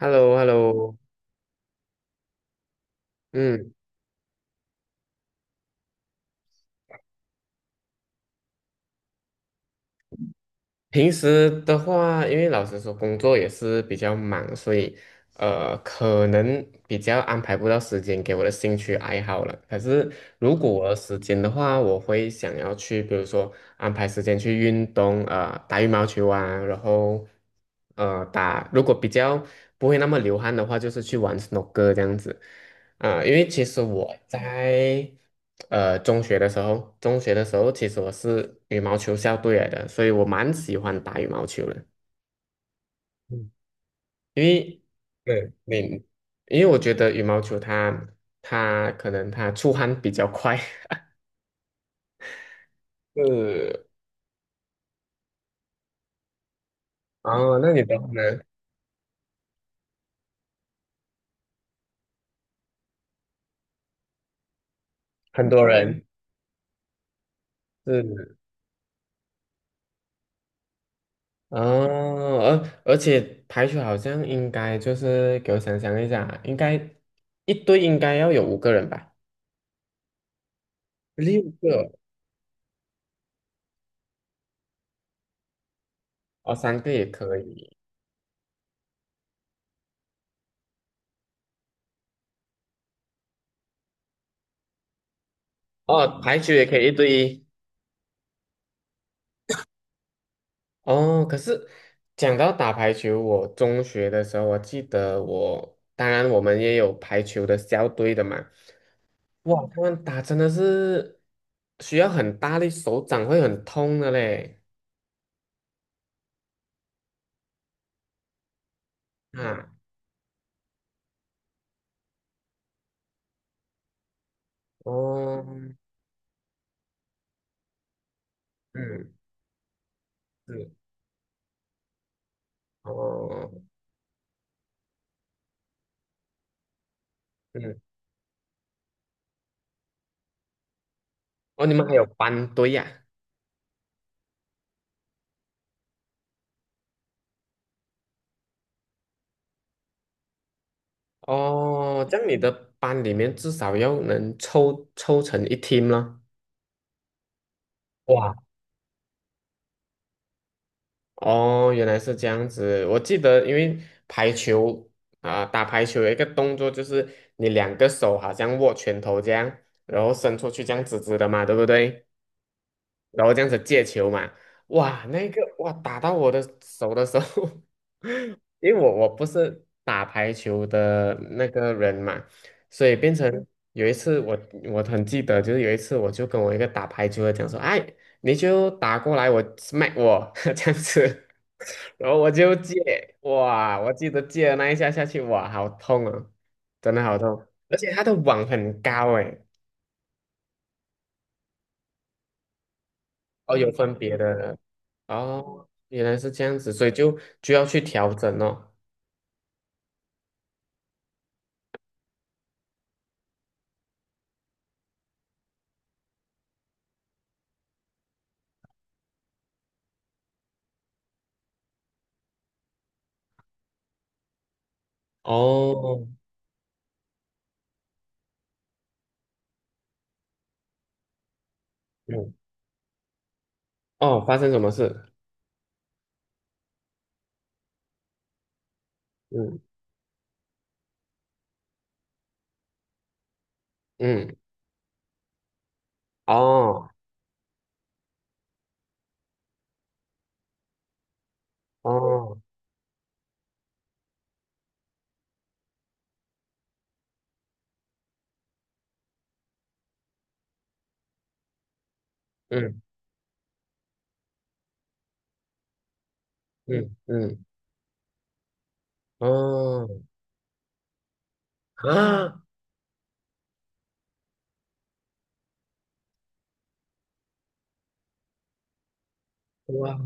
h e l l o h e l l o。 嗯，平时的话，因为老实说，工作也是比较忙，所以可能比较安排不到时间给我的兴趣爱好了。可是如果我有时间的话，我会想要去，比如说安排时间去运动，打羽毛球啊，然后打，如果比较不会那么流汗的话，就是去玩 snooker 这样子。啊，因为其实我在中学的时候，中学的时候其实我是羽毛球校队来的，所以我蛮喜欢打羽毛球的。嗯，因为，对，你，因为我觉得羽毛球它它可能出汗比较快。是，哦，那你的话呢？很多人是，哦，而且排球好像应该就是给我想想一下啊，应该一队应该要有5个人吧？6个。哦，3个也可以。哦，排球也可以一对一。哦，可是讲到打排球，我中学的时候，我记得我，当然我们也有排球的校队的嘛。哇，他们打真的是需要很大力，手掌会很痛的嘞。啊，哦，嗯，是，哦，嗯，哦，你们还有班队呀、哦，这样你的班里面至少要能凑成一 team 了。哇，哦，原来是这样子。我记得，因为排球啊、打排球有一个动作，就是你两个手好像握拳头这样，然后伸出去这样直直的嘛，对不对？然后这样子借球嘛，哇，那个哇打到我的手的时候，因为我不是打排球的那个人嘛，所以变成有一次我很记得，就是有一次我就跟我一个打排球的讲说，哎，你就打过来我 smack 我 这样子，然后我就借，哇，我记得借了那一下下去，哇，好痛啊，真的好痛，而且他的网很高诶，哦，有分别的。哦，原来是这样子，所以就要去调整哦。哦，嗯，哦，发生什么事？嗯嗯，哦哦，嗯嗯嗯，哦，啊，哇，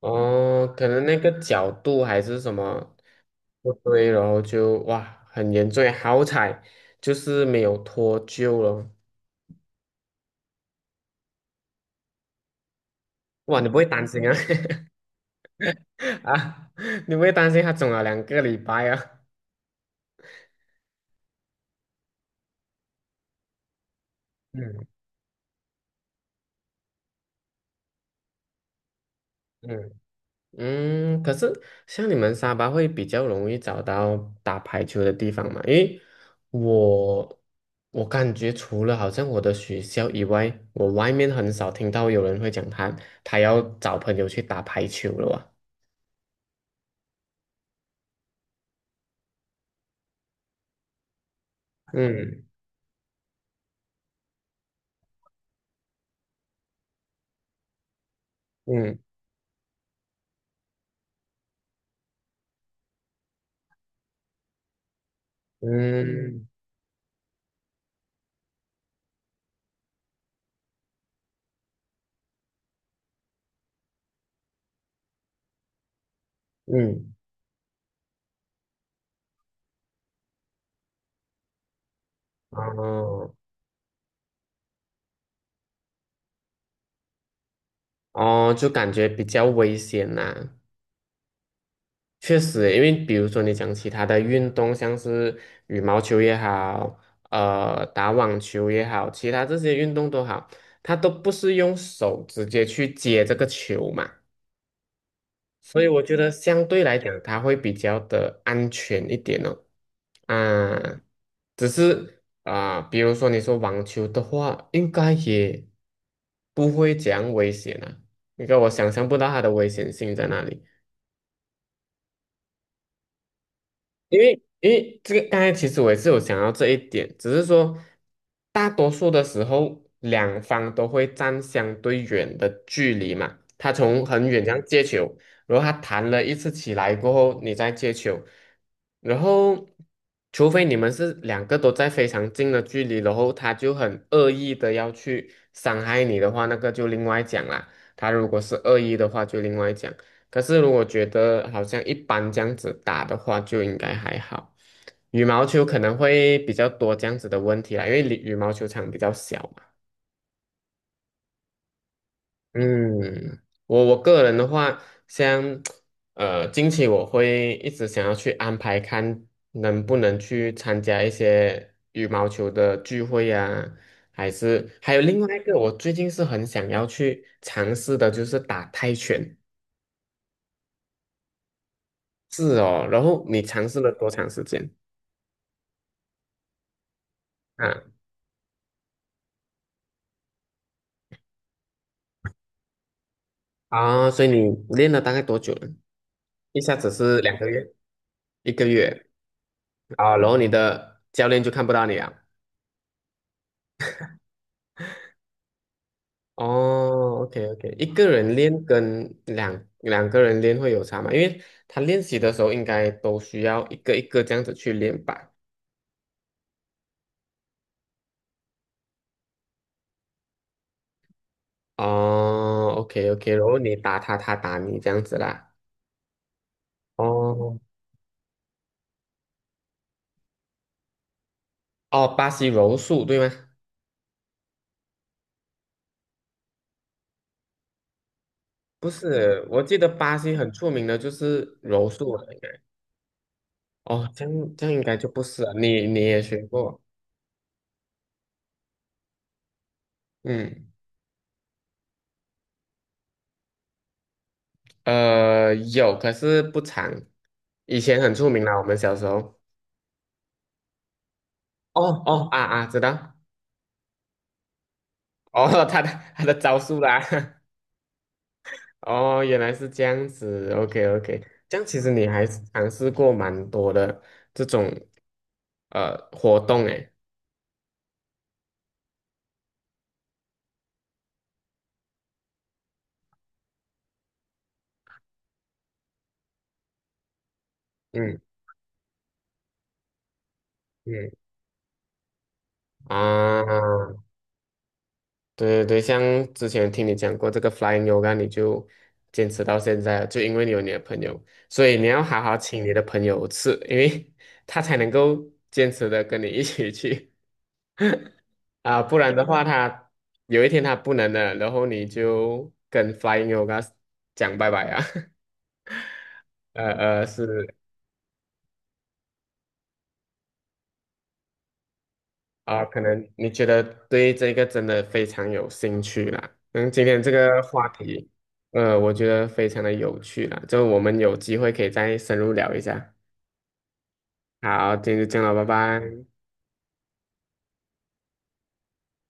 哦，可能那个角度还是什么不对，然后就哇很严重，好彩就是没有脱臼了。哇，你不会担心啊？啊，你不会担心他肿了2个礼拜啊？嗯嗯。嗯，可是像你们沙巴会比较容易找到打排球的地方嘛？因为我我感觉除了好像我的学校以外，我外面很少听到有人会讲他要找朋友去打排球了啊。嗯嗯嗯嗯，哦哦，就感觉比较危险呐、确实诶因为比如说你讲其他的运动，像是羽毛球也好，打网球也好，其他这些运动都好，它都不是用手直接去接这个球嘛，所以我觉得相对来讲，它会比较的安全一点哦。啊，只是啊，比如说你说网球的话，应该也不会讲危险啊，因为我想象不到它的危险性在哪里。因为这个，刚才其实我也是有想到这一点，只是说大多数的时候，两方都会站相对远的距离嘛。他从很远这样接球，然后他弹了一次起来过后，你再接球，然后除非你们是两个都在非常近的距离，然后他就很恶意的要去伤害你的话，那个就另外讲啦。他如果是恶意的话，就另外讲。可是如果觉得好像一般这样子打的话，就应该还好。羽毛球可能会比较多这样子的问题啦，因为羽毛球场比较小嘛。嗯，我个人的话，像近期我会一直想要去安排，看能不能去参加一些羽毛球的聚会呀、还是还有另外一个，我最近是很想要去尝试的，就是打泰拳。是哦，然后你尝试了多长时间？啊？啊，所以你练了大概多久呢？一下子是2个月，1个月。啊，然后你的教练就看不到你啊。哦，OK OK,一个人练跟两个人练会有差吗？因为他练习的时候应该都需要一个一个这样子去练吧。哦，OK OK,然后你打他，他打你这样子啦。哦哦，巴西柔术对吗？不是，我记得巴西很出名的就是柔术了。应该。哦，这样这样应该就不是了。你你也学过。嗯，有，可是不长。以前很出名啦，我们小时候。哦哦啊啊，知道。哦，他的招数啦。哦，原来是这样子。OK OK,这样其实你还是尝试过蛮多的这种活动诶。嗯嗯，啊，对对对，像之前听你讲过这个 Flying Yoga,你就坚持到现在了，就因为你有你的朋友，所以你要好好请你的朋友吃，因为 他才能够坚持的跟你一起去。 啊，不然的话他有一天他不能了，然后你就跟 Flying Yoga 讲拜拜啊，是。啊，可能你觉得对这个真的非常有兴趣啦。嗯，今天这个话题，我觉得非常的有趣啦，就我们有机会可以再深入聊一下。好，今天就这样了，拜拜。